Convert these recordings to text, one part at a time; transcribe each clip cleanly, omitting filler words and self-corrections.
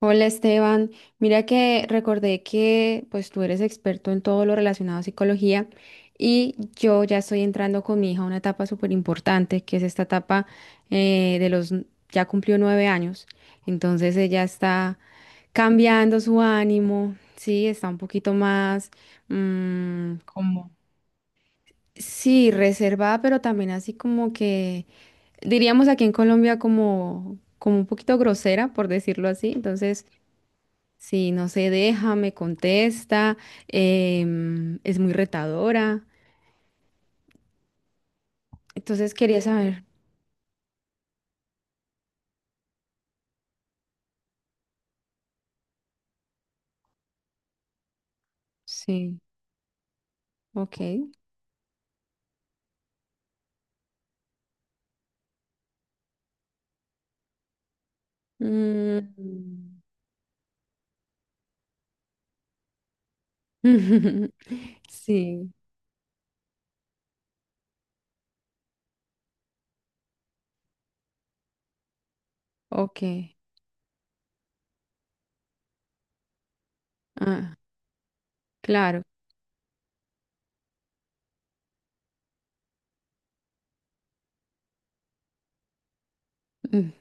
Hola Esteban, mira que recordé que pues tú eres experto en todo lo relacionado a psicología y yo ya estoy entrando con mi hija a una etapa súper importante que es esta etapa de los, ya cumplió 9 años, entonces ella está cambiando su ánimo, sí, está un poquito más ¿cómo? Sí, reservada, pero también así como que diríamos aquí en Colombia como, como un poquito grosera, por decirlo así. Entonces, sí, no se deja, me contesta, es muy retadora. Entonces quería saber. Sí, ok. Mm. Sí, ok. Ah, claro, mm,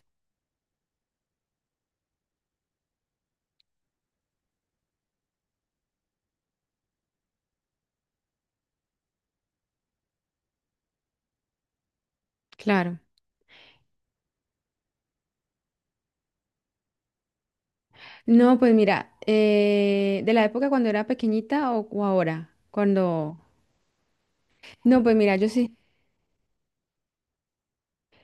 claro. No, pues mira, de la época cuando era pequeñita o ahora, cuando... No, pues mira, yo sí.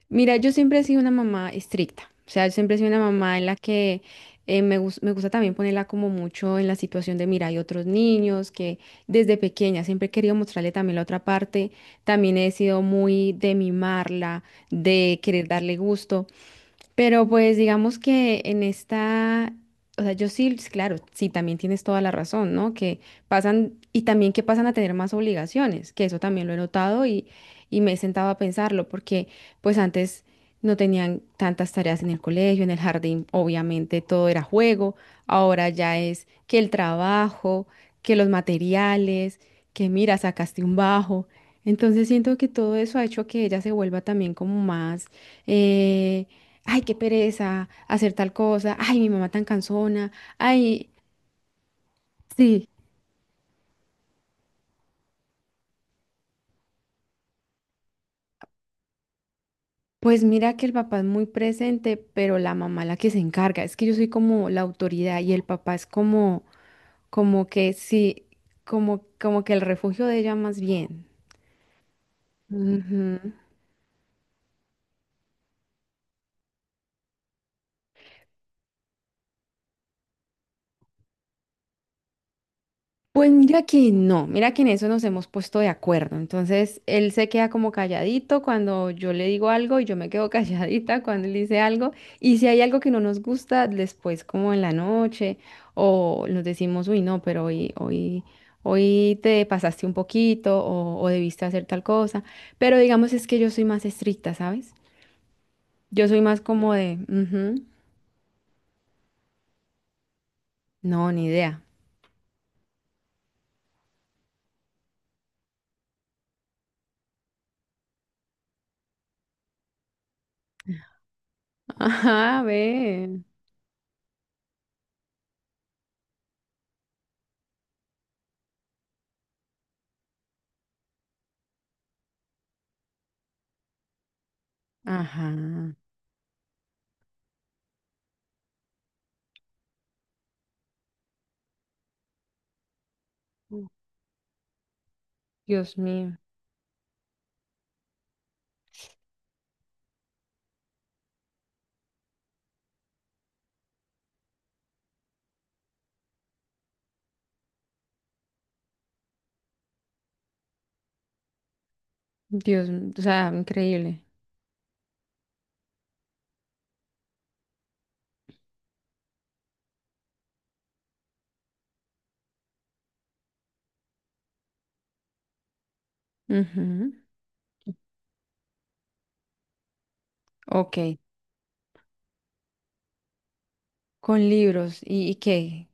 Mira, yo siempre he sido una mamá estricta, o sea, yo siempre he sido una mamá en la que me, me gusta también ponerla como mucho en la situación de, mira, hay otros niños que desde pequeña siempre he querido mostrarle también la otra parte, también he sido muy de mimarla, de querer darle gusto. Pero pues digamos que en esta, o sea, yo sí, claro, sí, también tienes toda la razón, ¿no? Que pasan, y también que pasan a tener más obligaciones, que eso también lo he notado y me he sentado a pensarlo, porque pues antes no tenían tantas tareas en el colegio, en el jardín, obviamente todo era juego, ahora ya es que el trabajo, que los materiales, que mira, sacaste un bajo. Entonces siento que todo eso ha hecho que ella se vuelva también como más... eh, ay, qué pereza hacer tal cosa, ay, mi mamá tan cansona, ay, sí. Pues mira que el papá es muy presente, pero la mamá la que se encarga. Es que yo soy como la autoridad y el papá es como, como que sí, como, como que el refugio de ella más bien. Ujú. Pues mira que no, mira que en eso nos hemos puesto de acuerdo. Entonces, él se queda como calladito cuando yo le digo algo y yo me quedo calladita cuando él dice algo. Y si hay algo que no nos gusta, después como en la noche o nos decimos, uy, no, pero hoy, hoy, hoy te pasaste un poquito o debiste hacer tal cosa. Pero digamos es que yo soy más estricta, ¿sabes? Yo soy más como de, "Ujú, no, ni idea." Ajá, ve. Ajá. Dios mío. Dios, o sea, increíble. Ujú, ok, con libros, y qué?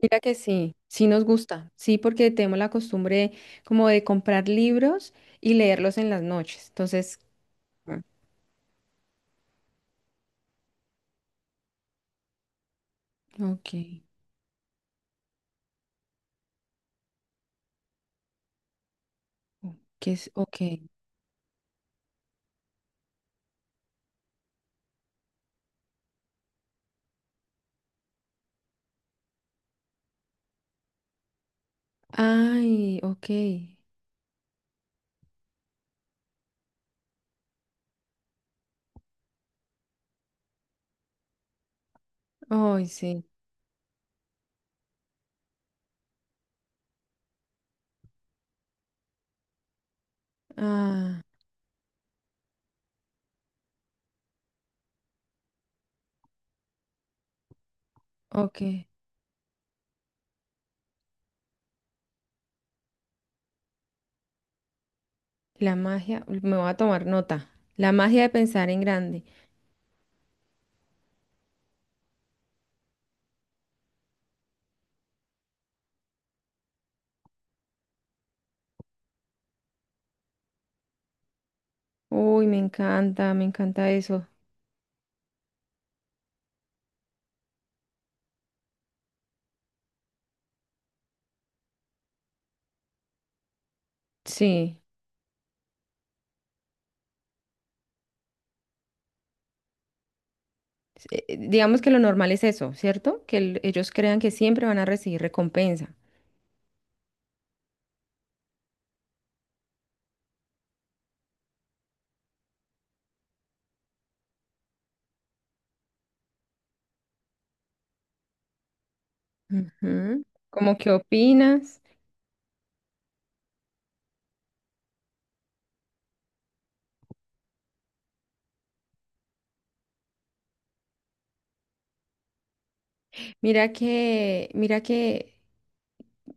Mira que sí, sí nos gusta, sí, porque tenemos la costumbre como de comprar libros y leerlos en las noches. Entonces, mm, ok, ¿qué es? Ok. Ay, ok. Ay, sí. Ah, ok. La magia, me voy a tomar nota. La magia de pensar en grande. Uy, me encanta eso. Sí. Digamos que lo normal es eso, ¿cierto? Que ellos crean que siempre van a recibir recompensa. Ujú. ¿Cómo qué opinas? Mira que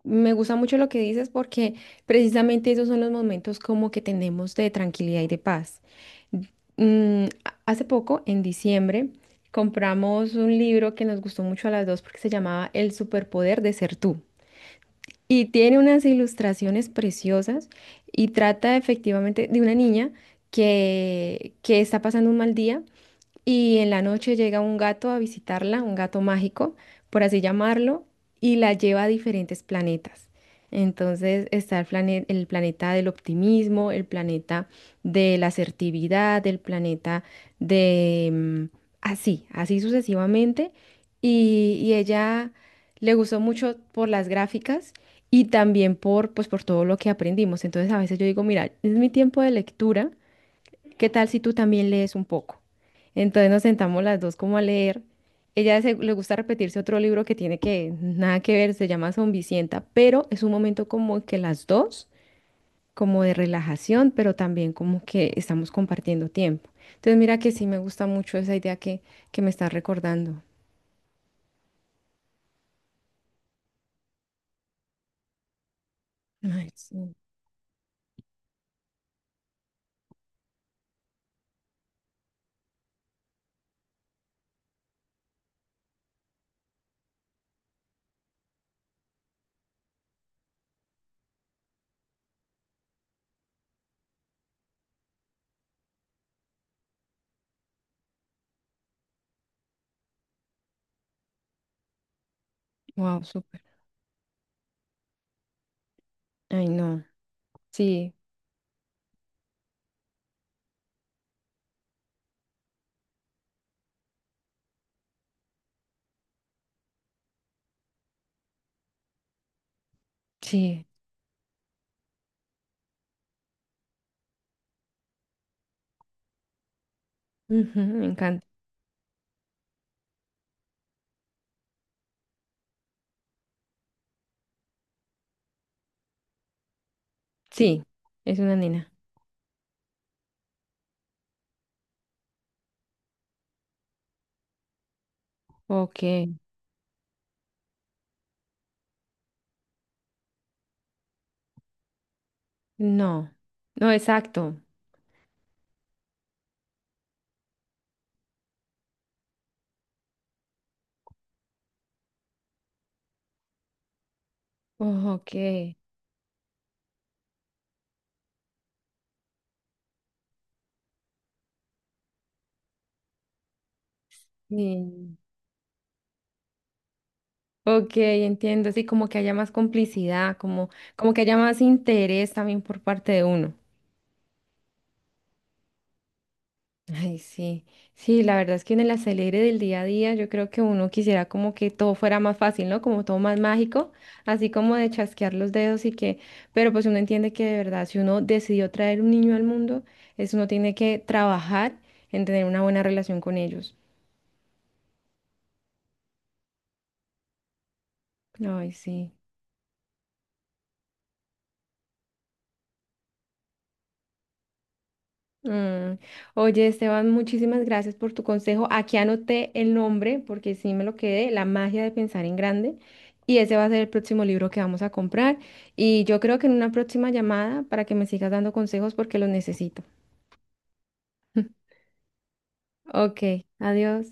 me gusta mucho lo que dices porque precisamente esos son los momentos como que tenemos de tranquilidad y de paz. Mm, hace poco, en diciembre, compramos un libro que nos gustó mucho a las dos porque se llamaba El superpoder de ser tú. Y tiene unas ilustraciones preciosas y trata efectivamente de una niña que está pasando un mal día y en la noche llega un gato a visitarla, un gato mágico, por así llamarlo, y la lleva a diferentes planetas. Entonces está el el planeta del optimismo, el planeta de la asertividad, el planeta de... mm, así, así sucesivamente. Y ella le gustó mucho por las gráficas y también por, pues, por todo lo que aprendimos. Entonces a veces yo digo, mira, es mi tiempo de lectura. ¿Qué tal si tú también lees un poco? Entonces nos sentamos las dos como a leer. Ella le gusta repetirse otro libro que tiene que nada que ver, se llama Zombicienta, pero es un momento como que las dos, como de relajación, pero también como que estamos compartiendo tiempo. Entonces mira que sí me gusta mucho esa idea que me estás recordando. Ay, sí. Wow, súper. Ay, no. Sí, sí. Ujú, me encanta. Sí, es una nena. Ok. No. No, exacto. Oh, ok. Mm, ok, entiendo. Sí, como que haya más complicidad, como, como que haya más interés también por parte de uno. Ay, sí. Sí, la verdad es que en el acelere del día a día yo creo que uno quisiera como que todo fuera más fácil, ¿no? Como todo más mágico, así como de chasquear los dedos y que, pero pues uno entiende que de verdad si uno decidió traer un niño al mundo, es uno tiene que trabajar en tener una buena relación con ellos. Ay, sí. Mm. Oye, Esteban, muchísimas gracias por tu consejo. Aquí anoté el nombre porque sí me lo quedé, La magia de pensar en grande. Y ese va a ser el próximo libro que vamos a comprar. Y yo creo que en una próxima llamada para que me sigas dando consejos porque los necesito. Ok, adiós.